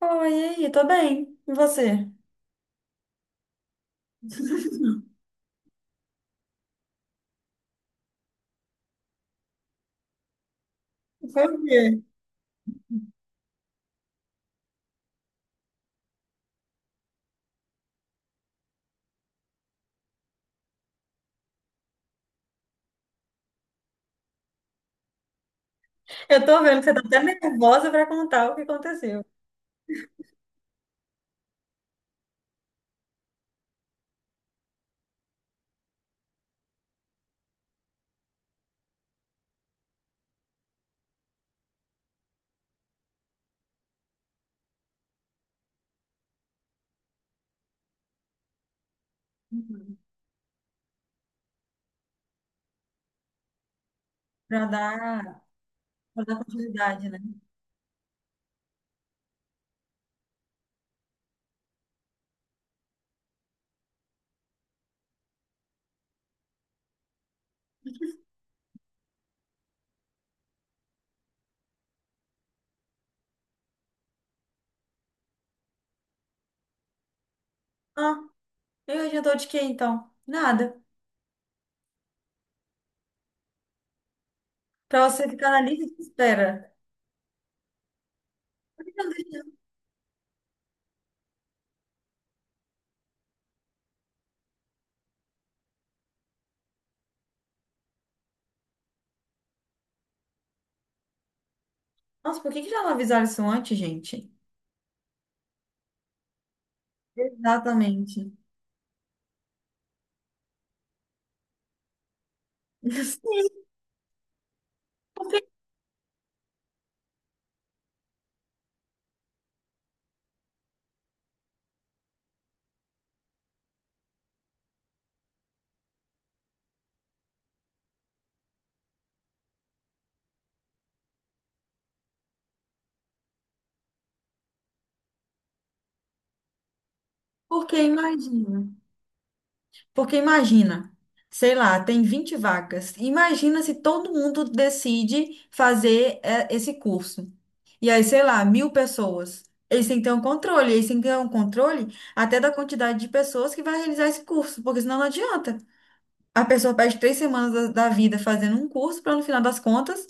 Oi, e aí, tô bem. E você? Foi o quê? Eu tô vendo que você tá até nervosa pra contar o que aconteceu. Uhum. Pra dar, pra dar continuidade, né? Ah, eu adiantou de quê então? Nada. Pra você ficar na lista de espera. Por que que não deixa- Nossa, por que que já não avisaram isso antes, gente? Exatamente. Sim, porque, porque imagina. Porque imagina, sei lá, tem 20 vagas. Imagina se todo mundo decide fazer esse curso. E aí, sei lá, mil pessoas. Eles têm que ter um controle, eles têm que ter um controle até da quantidade de pessoas que vai realizar esse curso, porque senão não adianta. A pessoa perde três semanas da vida fazendo um curso para, no final das contas,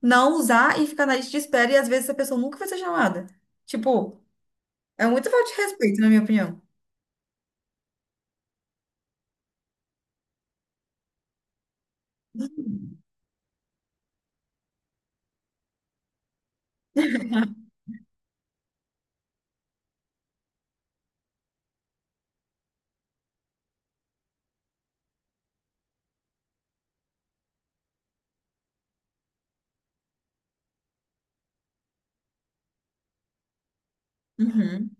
não usar e ficar na lista de espera, e às vezes essa pessoa nunca vai ser chamada. Tipo, é muito falta de respeito, na minha opinião. Uhum.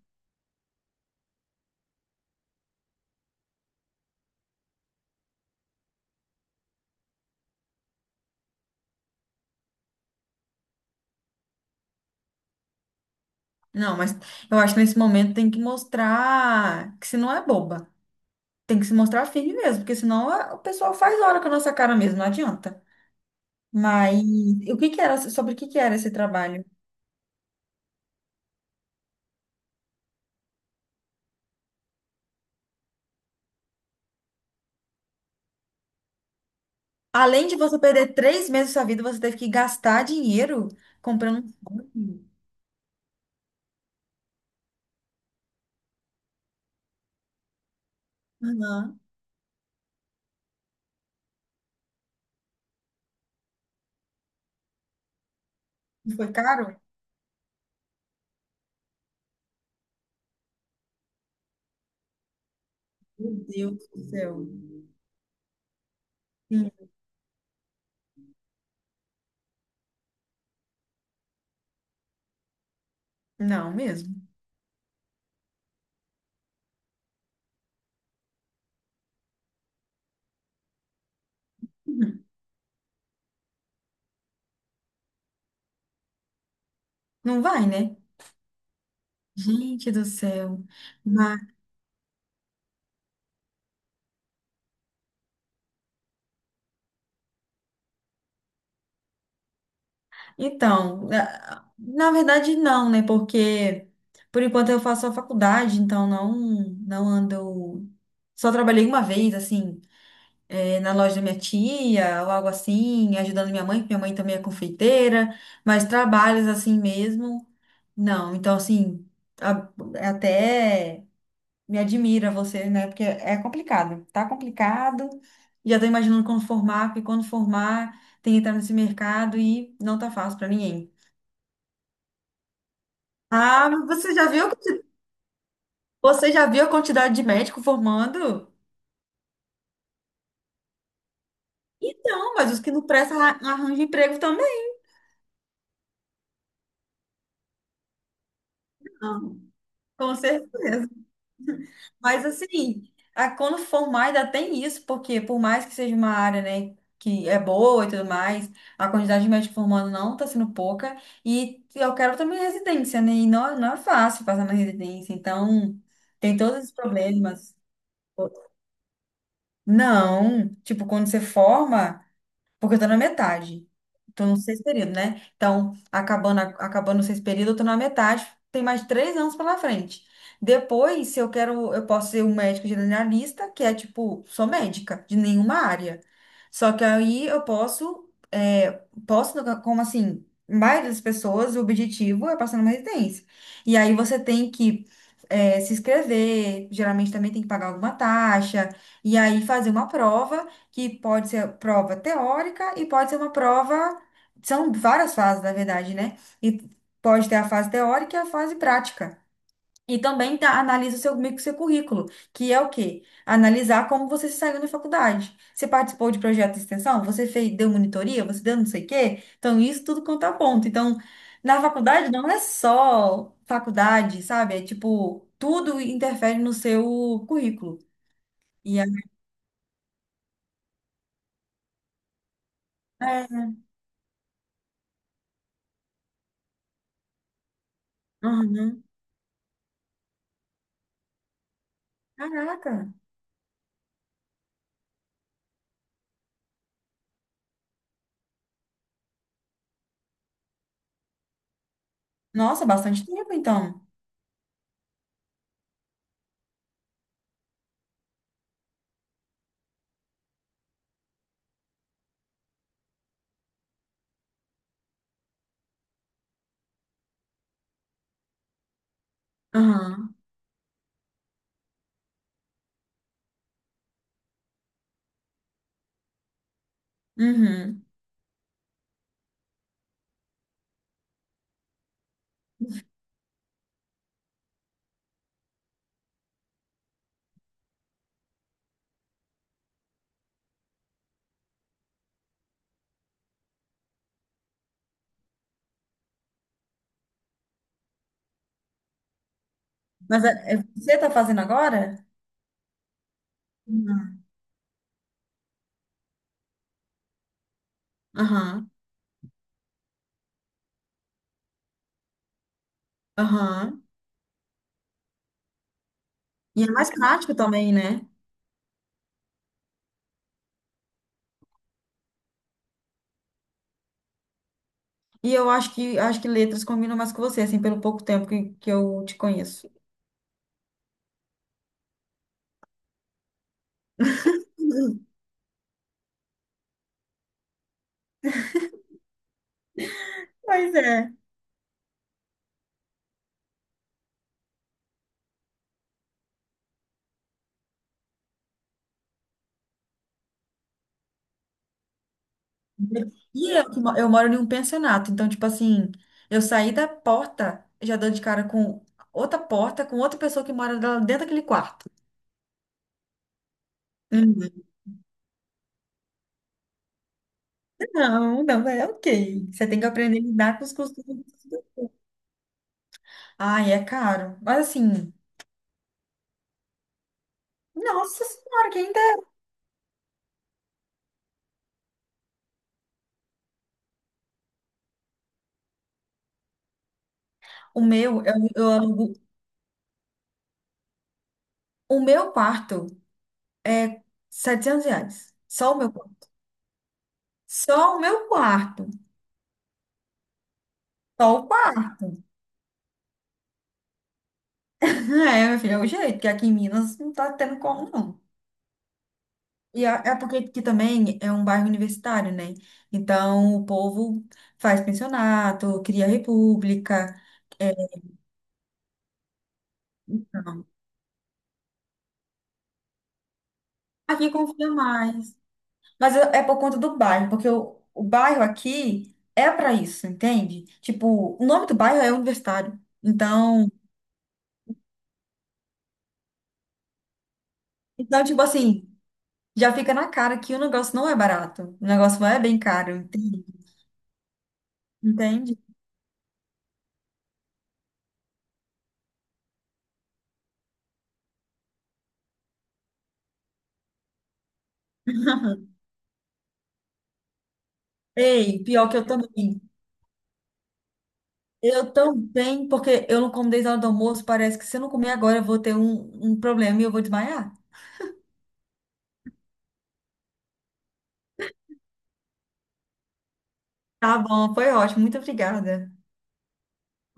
Não, mas eu acho que nesse momento tem que mostrar que se não é boba. Tem que se mostrar firme mesmo, porque senão a- o pessoal faz hora com a nossa cara mesmo, não adianta. Mas o que que era, sobre o que que era esse trabalho? Além de você perder três meses da sua vida, você teve que gastar dinheiro comprando um fone. Aham. Não foi caro? Meu Deus do céu. Sim. Não, mesmo. Uhum. Não vai, né? Gente do céu. Mas, então, na verdade, não, né? Porque por enquanto eu faço a faculdade, então não, não ando. Só trabalhei uma vez, assim. Na loja da minha tia, ou algo assim, ajudando minha mãe, porque minha mãe também é confeiteira, mas trabalhos assim mesmo, não. Então, assim, a- até me admira você, né? Porque é complicado, tá complicado. Já tô imaginando quando formar, porque quando formar tem que entrar nesse mercado e não tá fácil pra ninguém. Ah, mas você já viu, a quanti- você já viu a quantidade de médico formando? Então, mas os que não prestam arra- arranjam emprego também. Não, com certeza. Mas assim, a- quando formar ainda tem isso, porque por mais que seja uma área, né, que é boa e tudo mais, a quantidade de médicos formando não está sendo pouca. E eu quero também residência, né? E não, não é fácil passar na residência, então tem todos esses problemas. Não, tipo, quando você forma. Porque eu tô na metade. Tô no sexto período, né? Então, acabando, a- acabando o sexto período, eu tô na metade. Tem mais três anos pela frente. Depois, se eu quero, eu posso ser um médico generalista, que é tipo, sou médica de nenhuma área. Só que aí eu posso, posso, como assim, a maioria das pessoas, o objetivo é passar numa residência. E aí você tem que, se inscrever, geralmente também tem que pagar alguma taxa, e aí fazer uma prova que pode ser prova teórica e pode ser uma prova. São várias fases, na verdade, né? E pode ter a fase teórica e a fase prática. E também tá, analisa o seu, meio que o seu currículo, que é o quê? Analisar como você se saiu na faculdade. Você participou de projeto de extensão? Você fez, deu monitoria? Você deu não sei o quê? Então, isso tudo conta ponto. Então, na faculdade não é só faculdade, sabe? É tipo, tudo interfere no seu currículo. E aí, é, uhum. Caraca! Nossa, bastante tempo, então. Aham. Uhum. Mas você está fazendo agora? Aham, aham. Aham. E é mais prático também, né? E eu acho que letras combinam mais com você, assim, pelo pouco tempo que eu te conheço. Pois é. E eu, que mo- eu moro em um pensionato, então, tipo assim, eu saí da porta, já dou de cara com outra porta, com outra pessoa que mora lá dentro daquele quarto. Uhum. Não, não, é ok. Você tem que aprender a lidar com os costumes. Ai, é caro. Mas assim. Nossa senhora, que ainda é. O meu, eu alugo. O meu quarto é setecentos 700 reais. Só o meu quarto. Só o meu quarto. Só o quarto. É, meu filho, é o jeito, que aqui em Minas não tá tendo como, não. E é porque aqui também é um bairro universitário, né? Então o povo faz pensionato, cria república. é, não. Aqui confia mais. Mas é por conta do bairro, porque o bairro aqui é para isso, entende? Tipo, o nome do bairro é Universitário. Então, então, tipo assim, já fica na cara que o negócio não é barato. O negócio não é bem caro, entende? Entende? Ei, pior que eu também. Eu também, porque eu não como desde a hora do almoço, parece que se eu não comer agora eu vou ter um problema e eu vou desmaiar. Tá bom, foi ótimo. Muito obrigada.